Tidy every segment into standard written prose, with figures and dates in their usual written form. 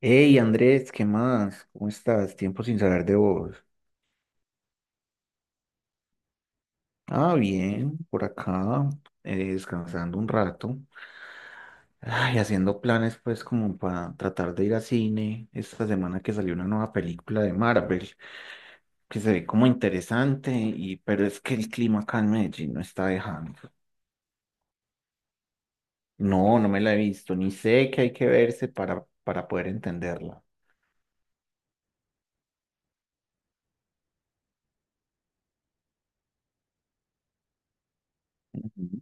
Hey Andrés, ¿qué más? ¿Cómo estás? Tiempo sin saber de vos. Ah, bien, por acá, descansando un rato. Ay, haciendo planes pues como para tratar de ir a cine esta semana que salió una nueva película de Marvel, que se ve como interesante, y, pero es que el clima acá en Medellín no está dejando. No, no me la he visto, ni sé que hay que verse para poder entenderla. Ujú.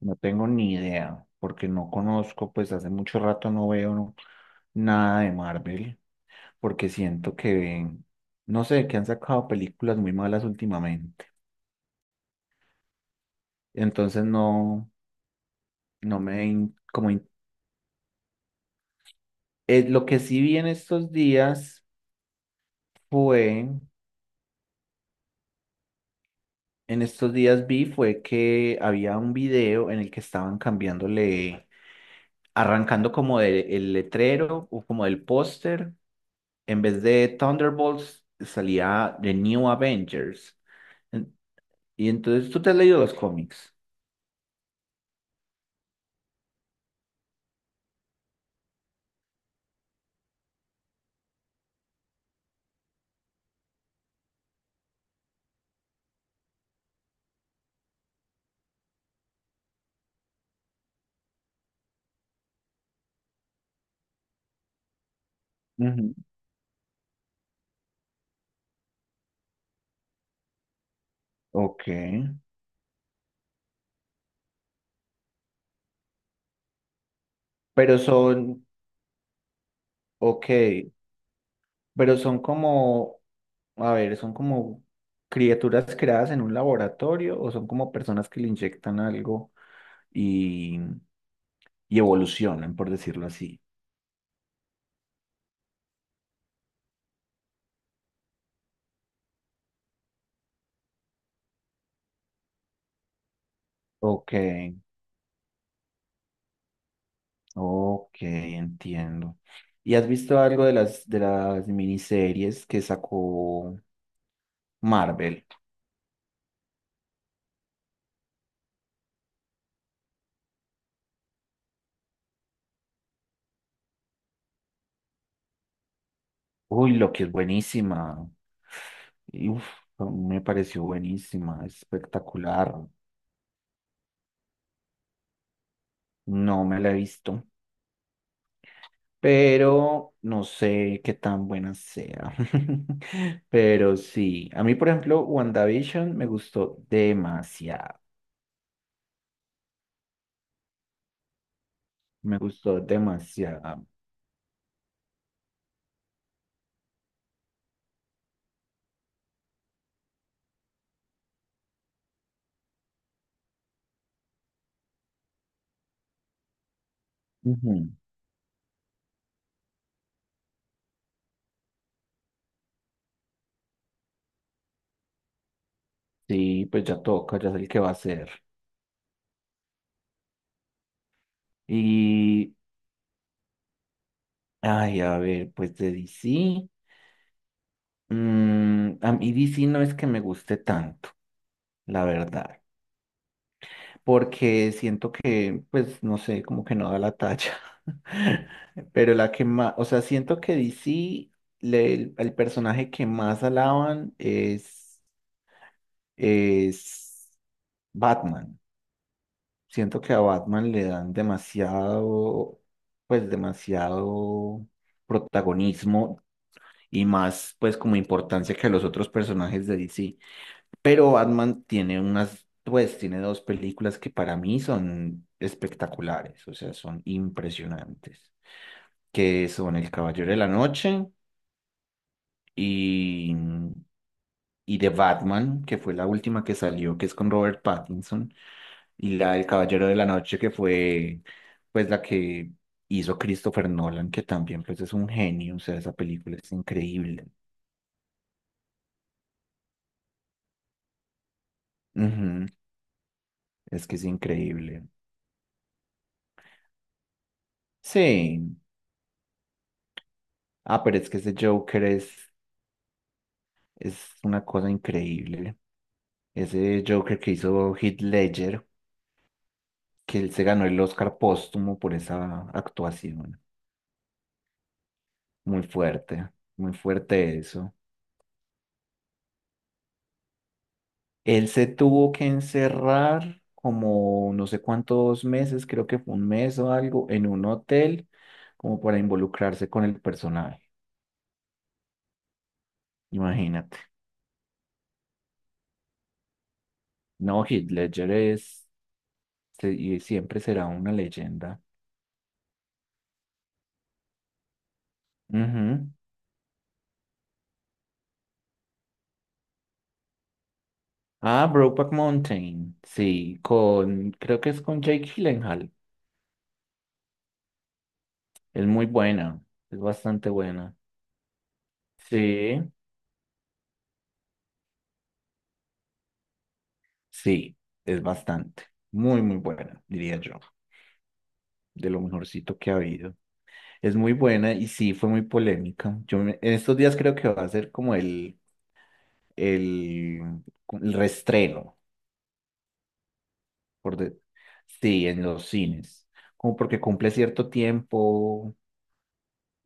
No tengo ni idea, porque no conozco, pues hace mucho rato no veo nada de Marvel, porque siento que, no sé, que han sacado películas muy malas últimamente. Entonces no, no me, in- como, in- lo que sí vi en estos días fue, en estos días vi fue que había un video en el que estaban cambiándole, arrancando como el letrero o como el póster, en vez de Thunderbolts salía The New Avengers. En- Y entonces tú te has leído los cómics. Ujú. Ok. Pero son, ok, pero son como, a ver, son como criaturas creadas en un laboratorio o son como personas que le inyectan algo y, y evolucionan, por decirlo así. Ok, ok, entiendo. ¿Y has visto algo de las miniseries que sacó Marvel? Uy, lo que es buenísima. Y, uf, me pareció buenísima, espectacular. No me la he visto, pero no sé qué tan buena sea. Pero sí, a mí, por ejemplo, WandaVision me gustó demasiado, me gustó demasiado. Ujú. Sí, pues ya toca, ya sé el que va a ser. Y, ay, a ver, pues de DC, mm, a mí DC no es que me guste tanto, la verdad, porque siento que, pues, no sé, como que no da la talla. Pero la que más, o sea, siento que DC, el personaje que más alaban es Batman. Siento que a Batman le dan demasiado, pues, demasiado protagonismo y más, pues, como importancia que a los otros personajes de DC. Pero Batman tiene unas, pues tiene dos películas que para mí son espectaculares, o sea, son impresionantes, que son El Caballero de la Noche y, y The Batman, que fue la última que salió, que es con Robert Pattinson, y la del Caballero de la Noche, que fue pues la que hizo Christopher Nolan, que también pues es un genio, o sea, esa película es increíble. Ujú. Es que es increíble. Sí. Ah, pero es que ese Joker es... Es una cosa increíble. Ese Joker que hizo Heath Ledger, que él se ganó el Oscar póstumo por esa actuación. Muy fuerte, muy fuerte eso. Él se tuvo que encerrar como no sé cuántos meses, creo que fue un mes o algo, en un hotel, como para involucrarse con el personaje. Imagínate. No, Heath Ledger es... y siempre será una leyenda. Ujú. Ah, Brokeback Mountain, sí, con, creo que es con Jake Gyllenhaal. Es muy buena, es bastante buena. Sí, sí, es bastante, muy buena, diría yo, de lo mejorcito que ha habido. Es muy buena y sí, fue muy polémica. En estos días creo que va a ser como el, el reestreno, por de- sí, en los cines, como porque cumple cierto tiempo,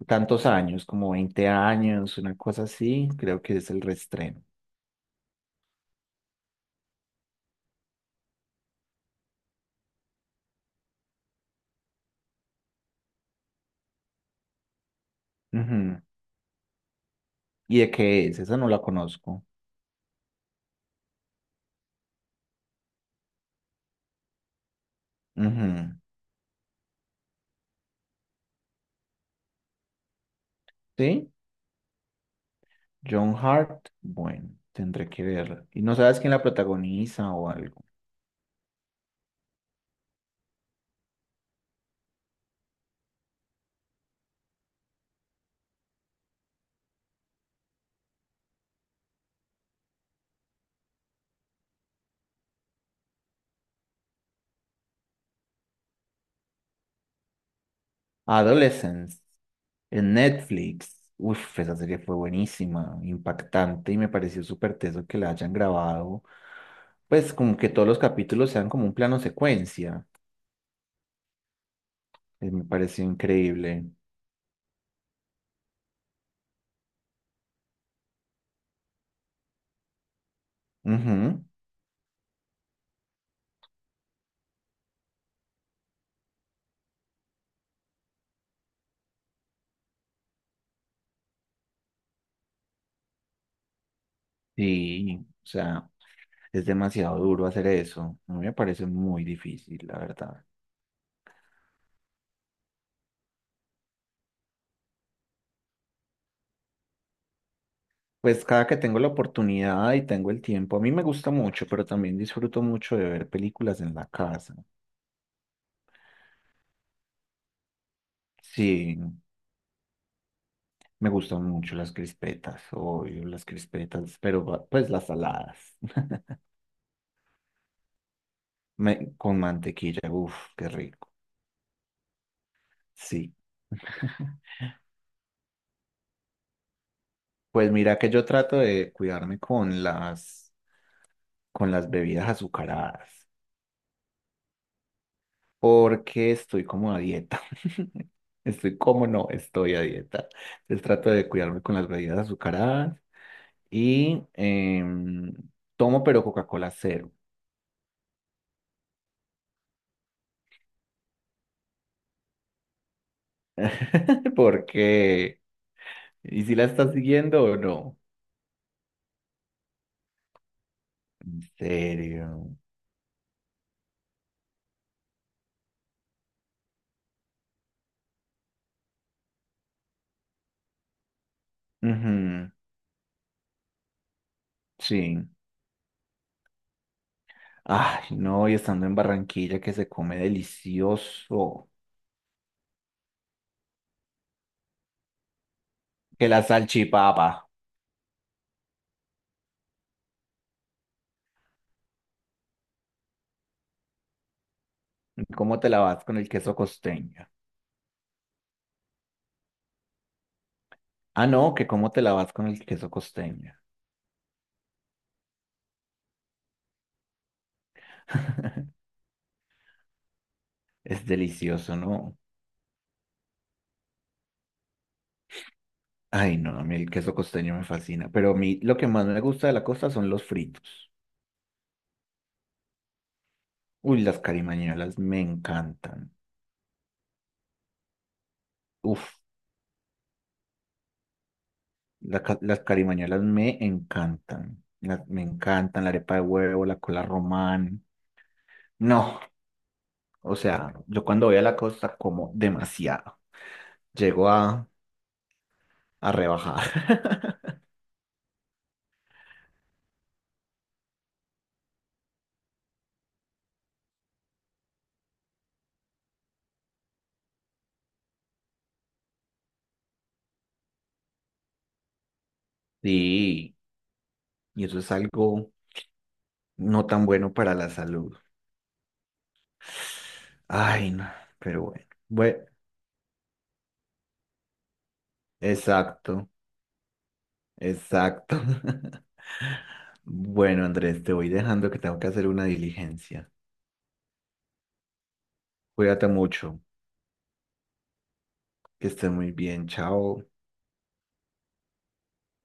tantos años, como 20 años, una cosa así, creo que es el reestreno. Ujú. ¿Y de qué es? Esa no la conozco. Ujú. ¿Sí? John Hart, bueno, tendré que verla. ¿Y no sabes quién la protagoniza o algo? Adolescence, en Netflix. Uf, esa serie fue buenísima, impactante y me pareció súper teso que la hayan grabado. Pues como que todos los capítulos sean como un plano secuencia. Me pareció increíble. Ujú. Sí, o sea, es demasiado duro hacer eso. A mí me parece muy difícil, la verdad. Pues cada que tengo la oportunidad y tengo el tiempo, a mí me gusta mucho, pero también disfruto mucho de ver películas en la casa. Sí, me gustan mucho las crispetas, obvio, las crispetas, pues las saladas. Con mantequilla, uff, qué rico. Sí. Pues mira que yo trato de cuidarme con las bebidas azucaradas, porque estoy como a dieta. Estoy como no, estoy a dieta. Entonces trato de cuidarme con las bebidas azucaradas y tomo pero Coca-Cola cero. Porque, ¿y si la estás siguiendo o no? En serio. Ujú, sí. Ay, no, y estando en Barranquilla que se come delicioso. Que la salchipapa. ¿Cómo te la vas con el queso costeño? Ah, no, que cómo te la vas con el queso costeño. Es delicioso, ¿no? Ay, no, a mí el queso costeño me fascina, pero a mí lo que más me gusta de la costa son los fritos. Uy, las carimañolas me encantan. Uf, las carimañolas me encantan. Me encantan la arepa de huevo, la cola román. No, o sea, yo cuando voy a la costa como demasiado. Llego a rebajar. Sí, y eso es algo no tan bueno para la salud. Ay, no, pero bueno. Bueno, exacto. Exacto. Bueno, Andrés, te voy dejando que tengo que hacer una diligencia. Cuídate mucho, que estés muy bien. Chao.